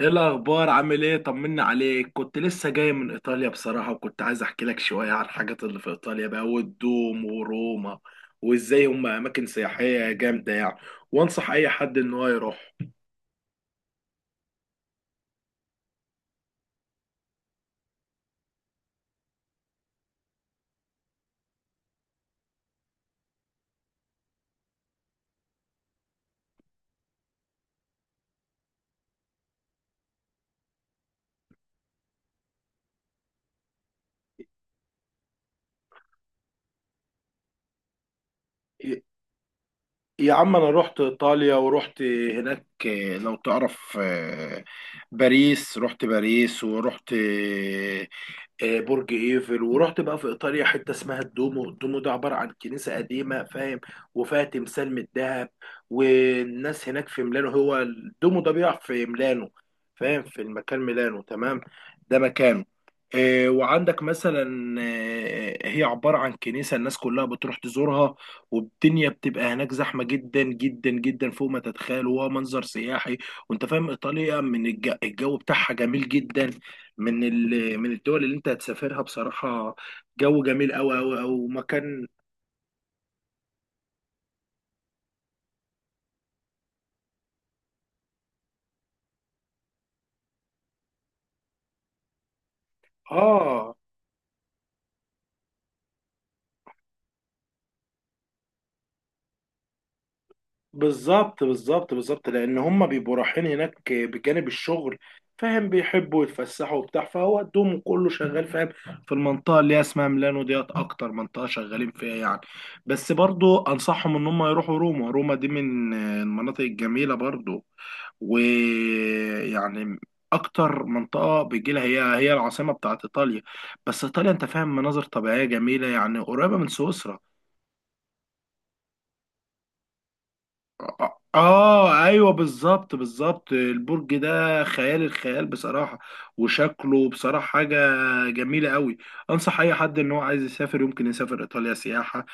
ايه الاخبار؟ عامل ايه؟ طمنا عليك. كنت لسه جاي من ايطاليا بصراحه، وكنت عايز احكي لك شويه عن الحاجات اللي في ايطاليا بقى، والدوم وروما، وازاي هم اماكن سياحيه جامده يعني، وانصح اي حد ان هو يروح. ي- يا عم انا رحت ايطاليا ورحت هناك. لو تعرف، باريس، رحت باريس ورحت برج ايفل. ورحت بقى في ايطاليا حته اسمها الدومو. الدومو ده عباره عن كنيسه قديمه، فاهم، وفيها تمثال من الذهب. والناس هناك في ميلانو، هو الدومو ده بيقع في ميلانو، فاهم، في المكان ميلانو، تمام، ده مكانه. وعندك مثلا، هي عباره عن كنيسه الناس كلها بتروح تزورها. والدنيا بتبقى هناك زحمه جدا جدا جدا، فوق ما تتخيل، وهو منظر سياحي. وانت فاهم ايطاليا من الجو بتاعها جميل جدا. من من الدول اللي انت هتسافرها بصراحة، جو جميل قوي قوي، او مكان. اه، بالظبط بالظبط بالظبط، لان هم بيبقوا رايحين هناك بجانب الشغل، فاهم، بيحبوا يتفسحوا وبتاع، فهو دوم كله شغال، فاهم، في المنطقه اللي هي اسمها ميلانو ديت، اكتر منطقه شغالين فيها يعني. بس برضو انصحهم ان هم يروحوا روما. روما دي من المناطق الجميله برضو، ويعني اكتر منطقه بيجي لها، هي العاصمه بتاعت ايطاليا. بس ايطاليا انت فاهم مناظر طبيعيه جميله، يعني قريبه من سويسرا. اه ايوه، بالظبط بالظبط، البرج ده خيال الخيال بصراحه، وشكله بصراحه حاجه جميله قوي. انصح اي حد ان هو عايز يسافر يمكن يسافر ايطاليا سياحه،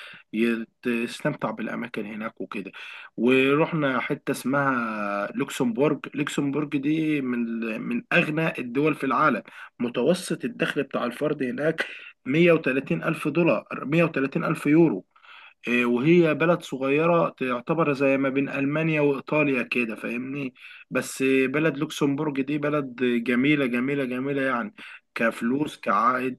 يستمتع بالاماكن هناك وكده. ورحنا حته اسمها لوكسمبورج. لوكسمبورج دي من اغنى الدول في العالم. متوسط الدخل بتاع الفرد هناك 130 الف دولار، 130 الف يورو. وهي بلد صغيرة، تعتبر زي ما بين ألمانيا وإيطاليا كده، فاهمني؟ بس بلد لوكسمبورج دي بلد جميلة جميلة جميلة يعني، كفلوس كعائد.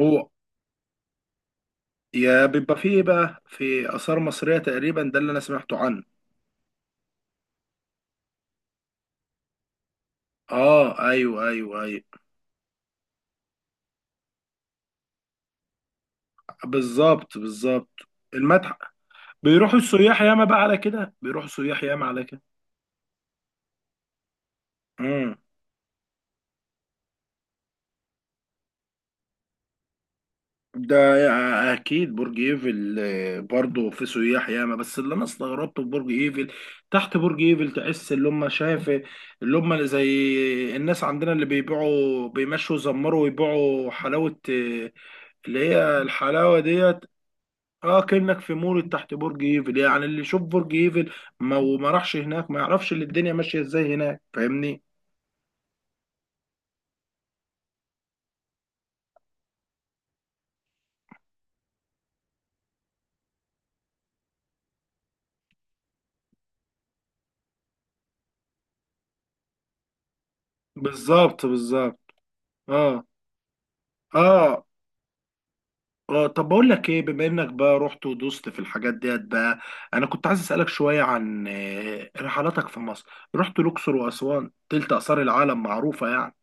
هو يا بيبقى فيه إيه بقى، في آثار مصرية تقريبا، ده اللي أنا سمعته عنه. اه ايوه ايوه ايوه، بالظبط بالظبط. المتحف بيروحوا السياح ياما بقى، على كده بيروحوا السياح ياما على كده. ده اكيد برج ايفل، برضه في سياح ياما. بس اللي انا استغربته في برج ايفل، تحت برج ايفل تحس اللي هم شايف، اللي هم زي الناس عندنا اللي بيبيعوا، بيمشوا يزمروا ويبيعوا حلاوة، اللي هي الحلاوة ديت. اه، كأنك في مول تحت برج ايفل، يعني اللي يشوف برج ايفل ما وما راحش هناك ما يعرفش اللي الدنيا ماشية ازاي هناك، فاهمني؟ بالظبط بالظبط. اه اه اه. طب بقول لك ايه، بما انك بقى رحت ودوست في الحاجات ديت بقى، انا كنت عايز اسالك شويه عن رحلاتك في مصر. رحت الاقصر واسوان، تلت اثار العالم معروفه يعني.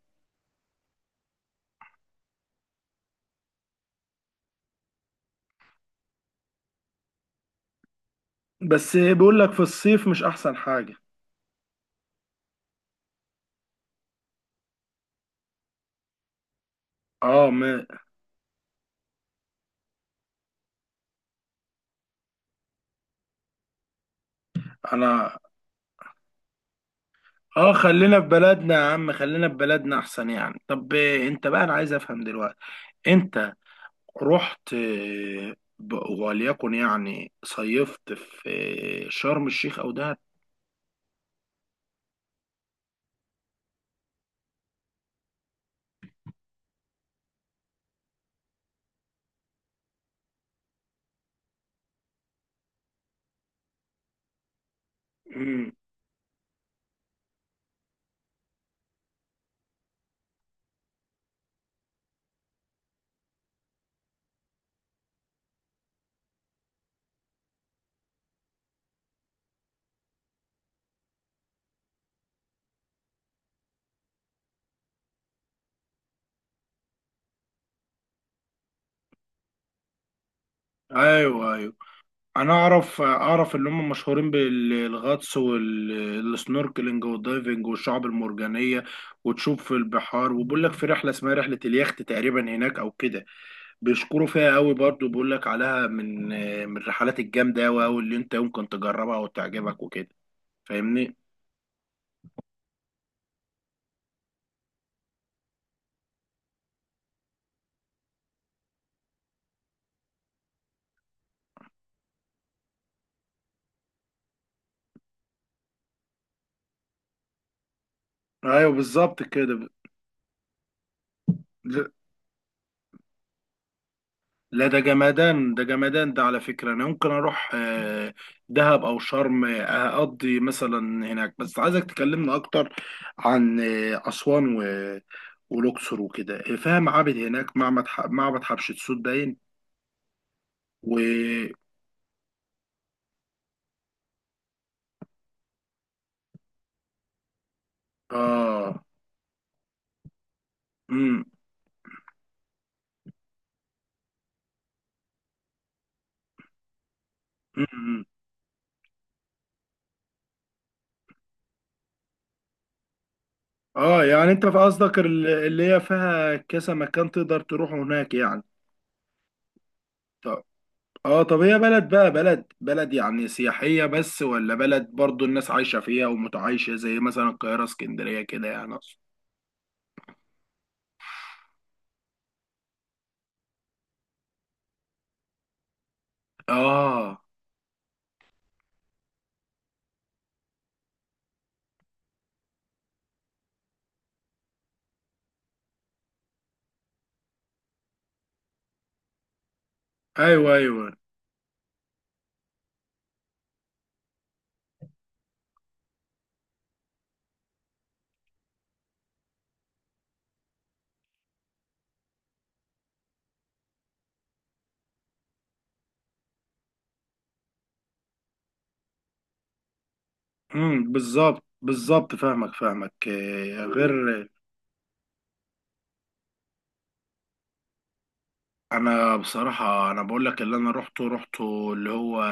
بس بيقول لك في الصيف مش احسن حاجه؟ اه. ما انا اه خلينا في بلدنا يا عم، خلينا في بلدنا احسن يعني. طب انت بقى، انا عايز افهم دلوقتي، انت رحت وليكن يعني صيفت في شرم الشيخ او دهب؟ امم، ايوه ايوه، انا اعرف اعرف ان هم مشهورين بالغطس والسنوركلينج والدايفنج والشعب المرجانيه، وتشوف في البحار. وبقول لك في رحله اسمها رحله اليخت تقريبا هناك او كده، بيشكروا فيها قوي برضو، بيقول لك عليها من الرحلات الجامده قوي قوي اللي انت يمكن تجربها وتعجبك وكده، فاهمني؟ ايوه، بالظبط كده. لا، ده جمدان ده جمدان، ده على فكرة. أنا ممكن أروح دهب أو شرم، أقضي مثلا هناك. بس عايزك تكلمنا أكتر عن أسوان والأقصر وكده. فيها معابد هناك، معبد معبد حتشبسوت باين. و آه مم. مم. يعني أنت في قصدك اللي هي فيها كذا مكان تقدر تروح هناك يعني. اه، طب هي بلد بقى، بلد يعني سياحية بس، ولا بلد برضو الناس عايشة فيها ومتعايشة زي مثلا القاهرة اسكندرية كده، يعني أقصد. اه ايوه ايوه. امم، بالظبط بالظبط، فاهمك فاهمك. غير انا بصراحة، انا بقول لك اللي انا روحته اللي هو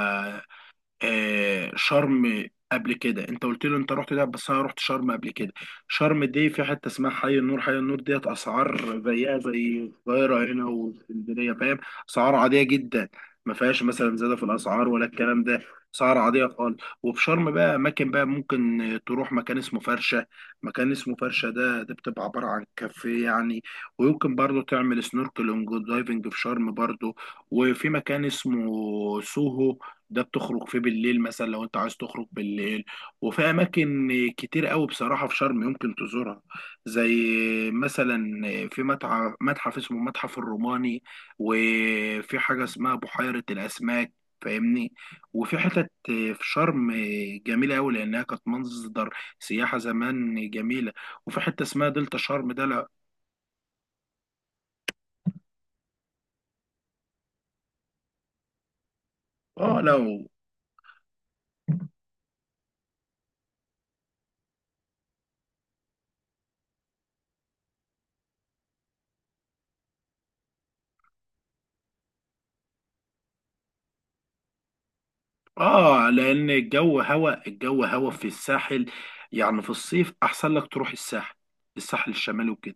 شرم. قبل كده انت قلت لي انت رحت دهب، بس انا رحت شرم قبل كده. شرم دي في حته اسمها حي النور. حي النور ديت اسعار زيها زي القاهره هنا والاسكندريه، فاهم، اسعار عاديه جدا، ما فيهاش مثلا زياده في الاسعار ولا الكلام ده، اسعار عاديه خالص. وفي شرم بقى اماكن بقى ممكن تروح، مكان اسمه فرشه. مكان اسمه فرشه ده بتبقى عباره عن كافيه يعني. ويمكن برضه تعمل سنوركلينج ودايفنج في شرم برضه. وفي مكان اسمه سوهو، ده بتخرج فيه بالليل، مثلا لو انت عايز تخرج بالليل. وفي اماكن كتير قوي بصراحه في شرم يمكن تزورها، زي مثلا في متحف اسمه متحف الروماني. وفي حاجه اسمها بحيره الاسماك، فاهمني؟ وفي حتت في شرم جميله قوي، لانها كانت مصدر سياحه زمان جميله. وفي حته اسمها دلتا شرم ده. لا. اه، لا. اه، لان الجو هوا، الجو هوا في الساحل، يعني في الصيف احسن لك تروح الساحل الشمالي وكده،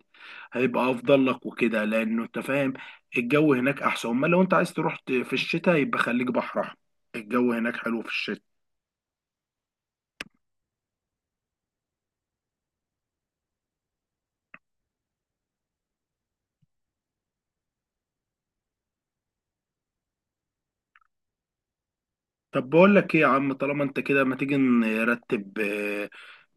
هيبقى افضل لك وكده، لانه انت فاهم الجو هناك احسن. امال لو انت عايز تروح في الشتاء، يبقى خليك بحر احمر، الجو هناك حلو في الشتاء. طب بقول لك ايه يا عم، طالما انت كده ما تيجي نرتب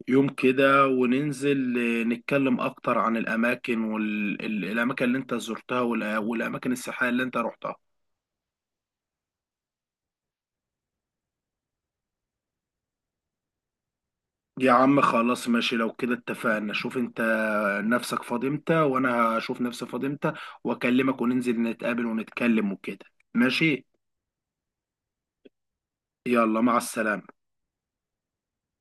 يوم كده وننزل نتكلم اكتر عن الاماكن، اللي انت زرتها، والاماكن السياحية اللي انت رحتها؟ يا عم خلاص، ماشي، لو كده اتفقنا. شوف انت نفسك فاضي امتى، وانا هشوف نفسي فاضي امتى، واكلمك وننزل نتقابل ونتكلم وكده، ماشي. يلا، مع السلامة.